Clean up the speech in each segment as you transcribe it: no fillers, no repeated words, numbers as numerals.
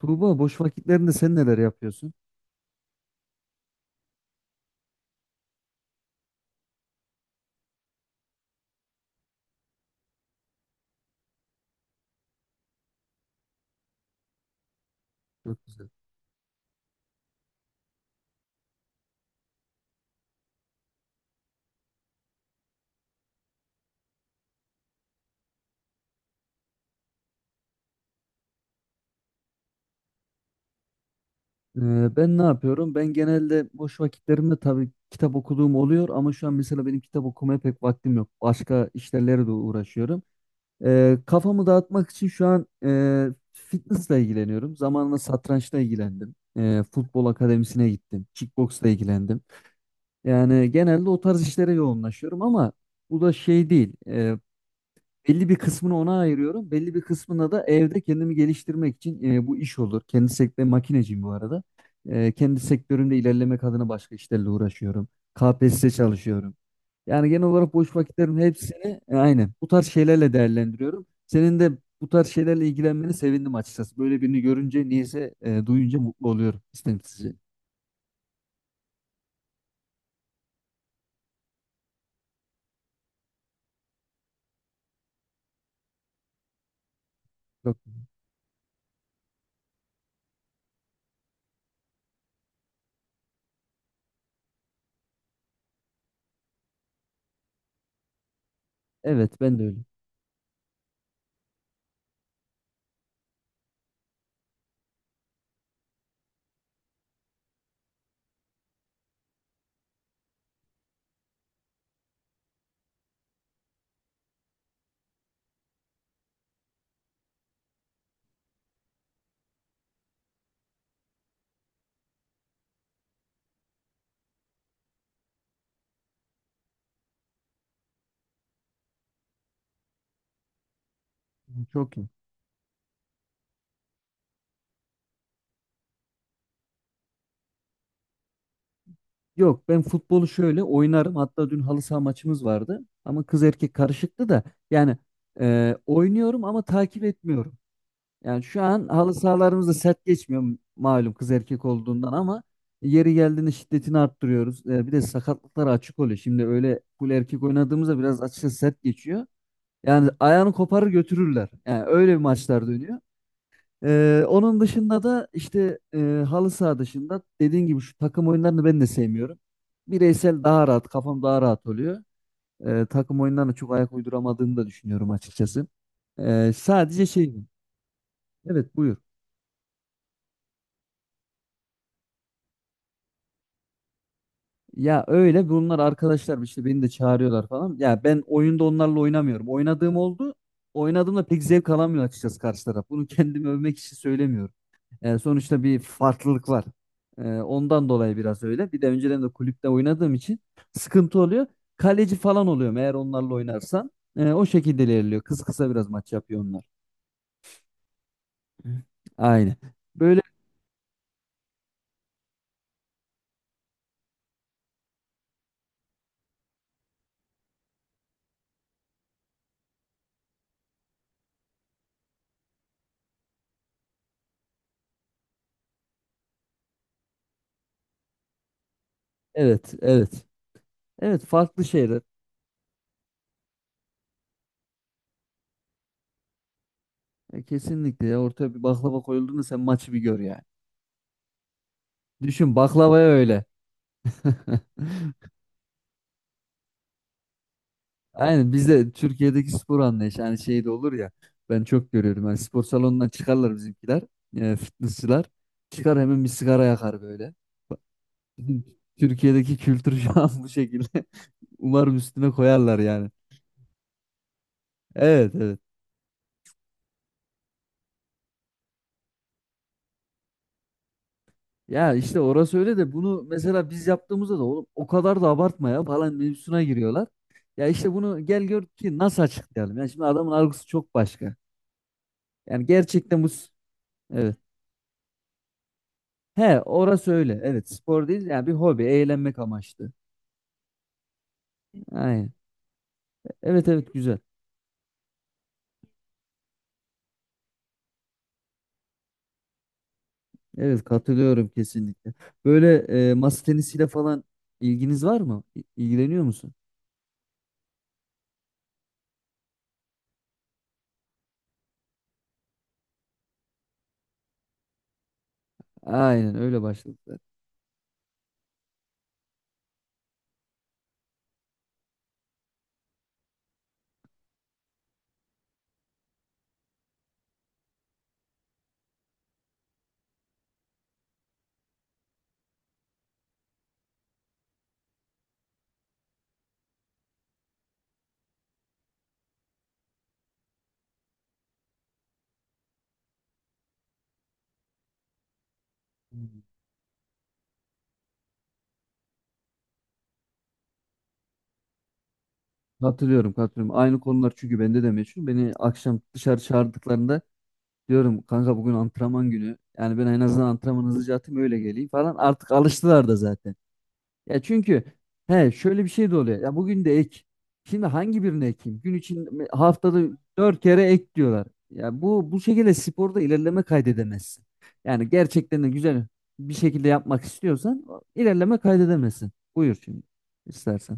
Tuğba, boş vakitlerinde sen neler yapıyorsun? Çok güzel. Ben ne yapıyorum? Ben genelde boş vakitlerimde tabii kitap okuduğum oluyor ama şu an mesela benim kitap okumaya pek vaktim yok. Başka işlerle de uğraşıyorum. Kafamı dağıtmak için şu an fitnessle ilgileniyorum. Zamanla satrançla ilgilendim. Futbol akademisine gittim. Kickboxla ilgilendim. Yani genelde o tarz işlere yoğunlaşıyorum ama bu da şey değil. Belli bir kısmını ona ayırıyorum. Belli bir kısmına da evde kendimi geliştirmek için bu iş olur. Kendi sektörüm, makineciyim bu arada. Kendi sektörümde ilerlemek adına başka işlerle uğraşıyorum. KPSS çalışıyorum. Yani genel olarak boş vakitlerin hepsini aynen bu tarz şeylerle değerlendiriyorum. Senin de bu tarz şeylerle ilgilenmeni sevindim açıkçası. Böyle birini görünce, niyeyse duyunca mutlu oluyorum istemsizce. Çok, evet ben de öyle. Çok. Yok, ben futbolu şöyle oynarım. Hatta dün halı saha maçımız vardı. Ama kız erkek karışıktı da. Yani oynuyorum ama takip etmiyorum. Yani şu an halı sahalarımız da sert geçmiyor, malum kız erkek olduğundan, ama yeri geldiğinde şiddetini arttırıyoruz. E, bir de sakatlıklar açık oluyor. Şimdi öyle full erkek oynadığımızda biraz açıkçası sert geçiyor. Yani ayağını koparır götürürler. Yani öyle bir maçlar dönüyor. Onun dışında da işte halı saha dışında dediğin gibi şu takım oyunlarını ben de sevmiyorum. Bireysel daha rahat, kafam daha rahat oluyor. Takım oyunlarına çok ayak uyduramadığımı da düşünüyorum açıkçası. Sadece şey, evet buyur. Ya öyle, bunlar arkadaşlar işte, beni de çağırıyorlar falan. Ya ben oyunda onlarla oynamıyorum. Oynadığım oldu. Oynadığımda pek zevk alamıyor açıkçası karşı taraf. Bunu kendimi övmek için söylemiyorum. E, sonuçta bir farklılık var. E, ondan dolayı biraz öyle. Bir de önceden de kulüpte oynadığım için sıkıntı oluyor. Kaleci falan oluyorum eğer onlarla oynarsan. E, o şekilde ilerliyor. Kısa kısa biraz maç yapıyor onlar. Hı. Aynen. Böyle evet evet. Evet, farklı şeyler. E, kesinlikle ya, ortaya bir baklava koyulduğunda sen maçı bir gör yani. Düşün baklavaya öyle. Aynen, bizde Türkiye'deki spor anlayışı hani şey de olur ya, ben çok görüyorum yani, spor salonundan çıkarlar bizimkiler, fitnessçılar, çıkar hemen bir sigara yakar böyle. Bak, bizim Türkiye'deki kültür şu an bu şekilde. Umarım üstüne koyarlar yani. Evet evet. Ya işte orası öyle de, bunu mesela biz yaptığımızda da oğlum o kadar da abartma ya falan mevzusuna giriyorlar. Ya işte bunu gel gör ki nasıl açıklayalım. Yani şimdi adamın algısı çok başka. Yani gerçekten bu s- evet. He orası öyle. Evet, spor değil yani, bir hobi, eğlenmek amaçlı. Aynen. Evet evet güzel. Evet, katılıyorum kesinlikle. Böyle masa tenisiyle falan ilginiz var mı? İlgileniyor musun? Aynen öyle başladık zaten. Hmm. Katılıyorum katılıyorum. Aynı konular çünkü bende de meşhur. Beni akşam dışarı çağırdıklarında diyorum kanka bugün antrenman günü. Yani ben en azından antrenmanı hızlıca atayım öyle geleyim falan. Artık alıştılar da zaten. Ya çünkü he şöyle bir şey de oluyor. Ya bugün de ek. Şimdi hangi birini ekeyim? Gün için haftada dört kere ek diyorlar. Ya bu şekilde sporda ilerleme kaydedemezsin. Yani gerçekten de güzel bir şekilde yapmak istiyorsan ilerleme kaydedemezsin. Buyur şimdi istersen.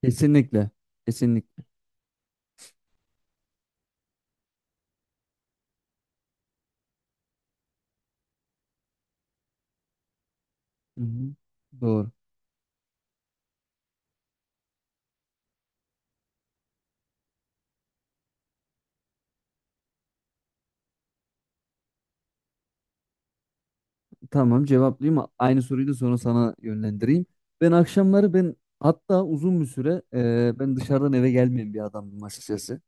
Kesinlikle. Kesinlikle. Hı hı. Doğru. Tamam cevaplayayım. Aynı soruyu da sonra sana yönlendireyim. Ben akşamları hatta uzun bir süre ben dışarıdan eve gelmeyen bir adamdım açıkçası.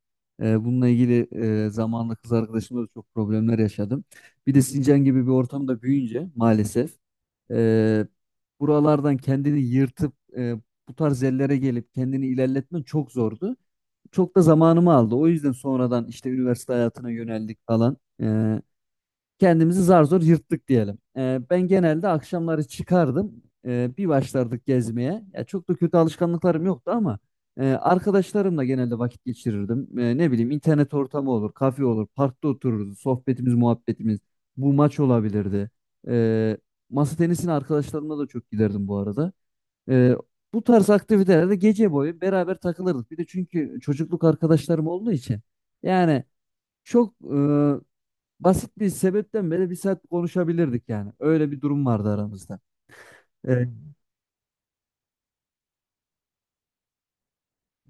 E, bununla ilgili zamanla kız arkadaşımla da çok problemler yaşadım. Bir de Sincan gibi bir ortamda büyüyünce maalesef e, buralardan kendini yırtıp bu tarz yerlere gelip kendini ilerletmen çok zordu. Çok da zamanımı aldı. O yüzden sonradan işte üniversite hayatına yöneldik falan. E, Kendimizi zar zor yırttık diyelim. Ben genelde akşamları çıkardım. Bir başlardık gezmeye. Ya çok da kötü alışkanlıklarım yoktu ama arkadaşlarımla genelde vakit geçirirdim. Ne bileyim, internet ortamı olur, kafe olur, parkta otururuz, sohbetimiz, muhabbetimiz. Bu maç olabilirdi. Ee, Masa tenisine arkadaşlarımla da çok giderdim bu arada. Ee, Bu tarz aktivitelerde gece boyu beraber takılırdık. Bir de çünkü çocukluk arkadaşlarım olduğu için yani çok basit bir sebepten beri bir saat konuşabilirdik yani. Öyle bir durum vardı aramızda. Evet.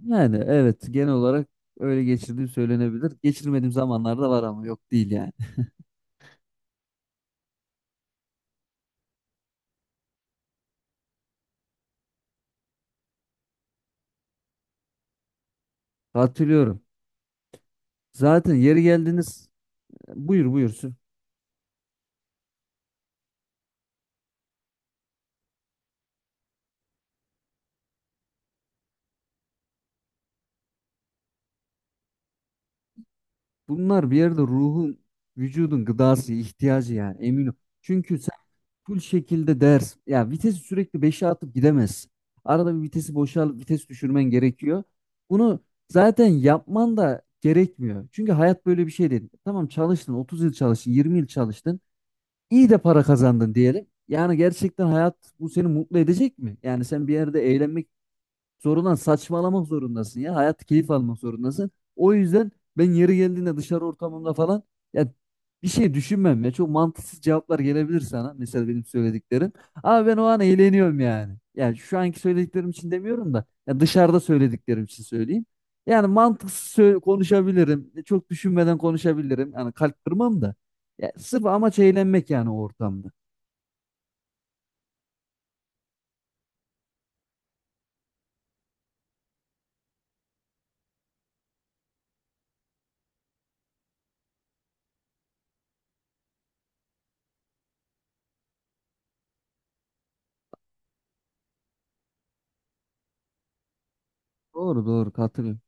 Yani evet, genel olarak öyle geçirdiğim söylenebilir. Geçirmediğim zamanlar da var ama yok değil yani. Hatırlıyorum. Zaten yeri geldiniz buyur buyursun. Bunlar bir yerde ruhun, vücudun gıdası, ihtiyacı yani, eminim. Çünkü full şekilde ders. Ya vitesi sürekli 5'e atıp gidemezsin. Arada bir vitesi boşal, vites düşürmen gerekiyor. Bunu zaten yapman da gerekmiyor. Çünkü hayat böyle bir şey değil. Tamam çalıştın 30 yıl, çalıştın 20 yıl çalıştın. İyi de para kazandın diyelim. Yani gerçekten hayat bu, seni mutlu edecek mi? Yani sen bir yerde eğlenmek zorundan, saçmalamak zorundasın ya. Hayat, keyif almak zorundasın. O yüzden ben yeri geldiğinde dışarı ortamında falan ya bir şey düşünmem ya. Çok mantıksız cevaplar gelebilir sana. Mesela benim söylediklerim. Ama ben o an eğleniyorum yani. Yani şu anki söylediklerim için demiyorum da, ya dışarıda söylediklerim için söyleyeyim. Yani mantıksız konuşabilirim. Çok düşünmeden konuşabilirim. Yani kalp kırmam da. Ya sırf amaç eğlenmek yani o ortamda. Doğru doğru katılıyorum.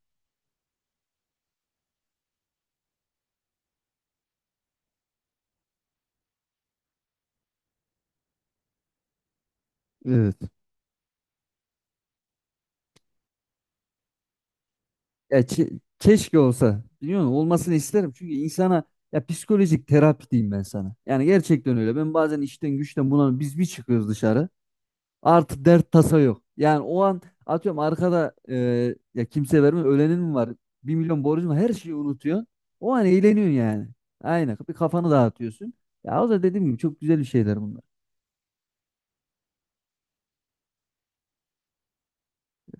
Evet. Ya keşke olsa. Biliyor musun? Olmasını isterim. Çünkü insana, ya psikolojik terapi diyeyim ben sana. Yani gerçekten öyle. Ben bazen işten güçten buna biz bir çıkıyoruz dışarı. Artık dert tasa yok. Yani o an atıyorum arkada ya kimse vermiyor. Ölenin mi var? 1 milyon borcun var. Her şeyi unutuyor. O an eğleniyorsun yani. Aynen. Bir kafanı dağıtıyorsun. Ya o da dediğim gibi, çok güzel bir şeyler bunlar.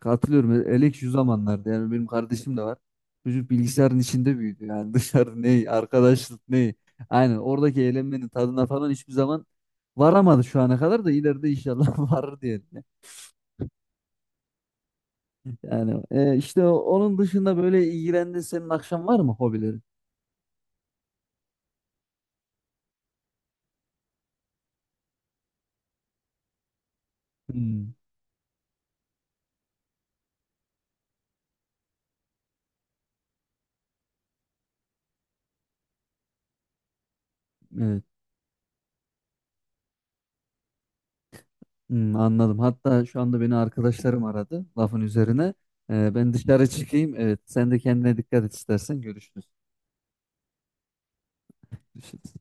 Katılıyorum. Elek şu zamanlarda yani, benim kardeşim de var. Çocuk bilgisayarın içinde büyüdü. Yani dışarı ne, arkadaşlık ne. Aynen, oradaki eğlenmenin tadına falan hiçbir zaman varamadı şu ana kadar da, ileride inşallah varır diyelim. Yani işte onun dışında böyle ilgilendiğin senin akşam var mı hobilerin? Hmm, evet. Hmm, anladım. Hatta şu anda beni arkadaşlarım aradı lafın üzerine. E, ben dışarı çıkayım. Evet, sen de kendine dikkat et, istersen görüşürüz. Görüşürüz.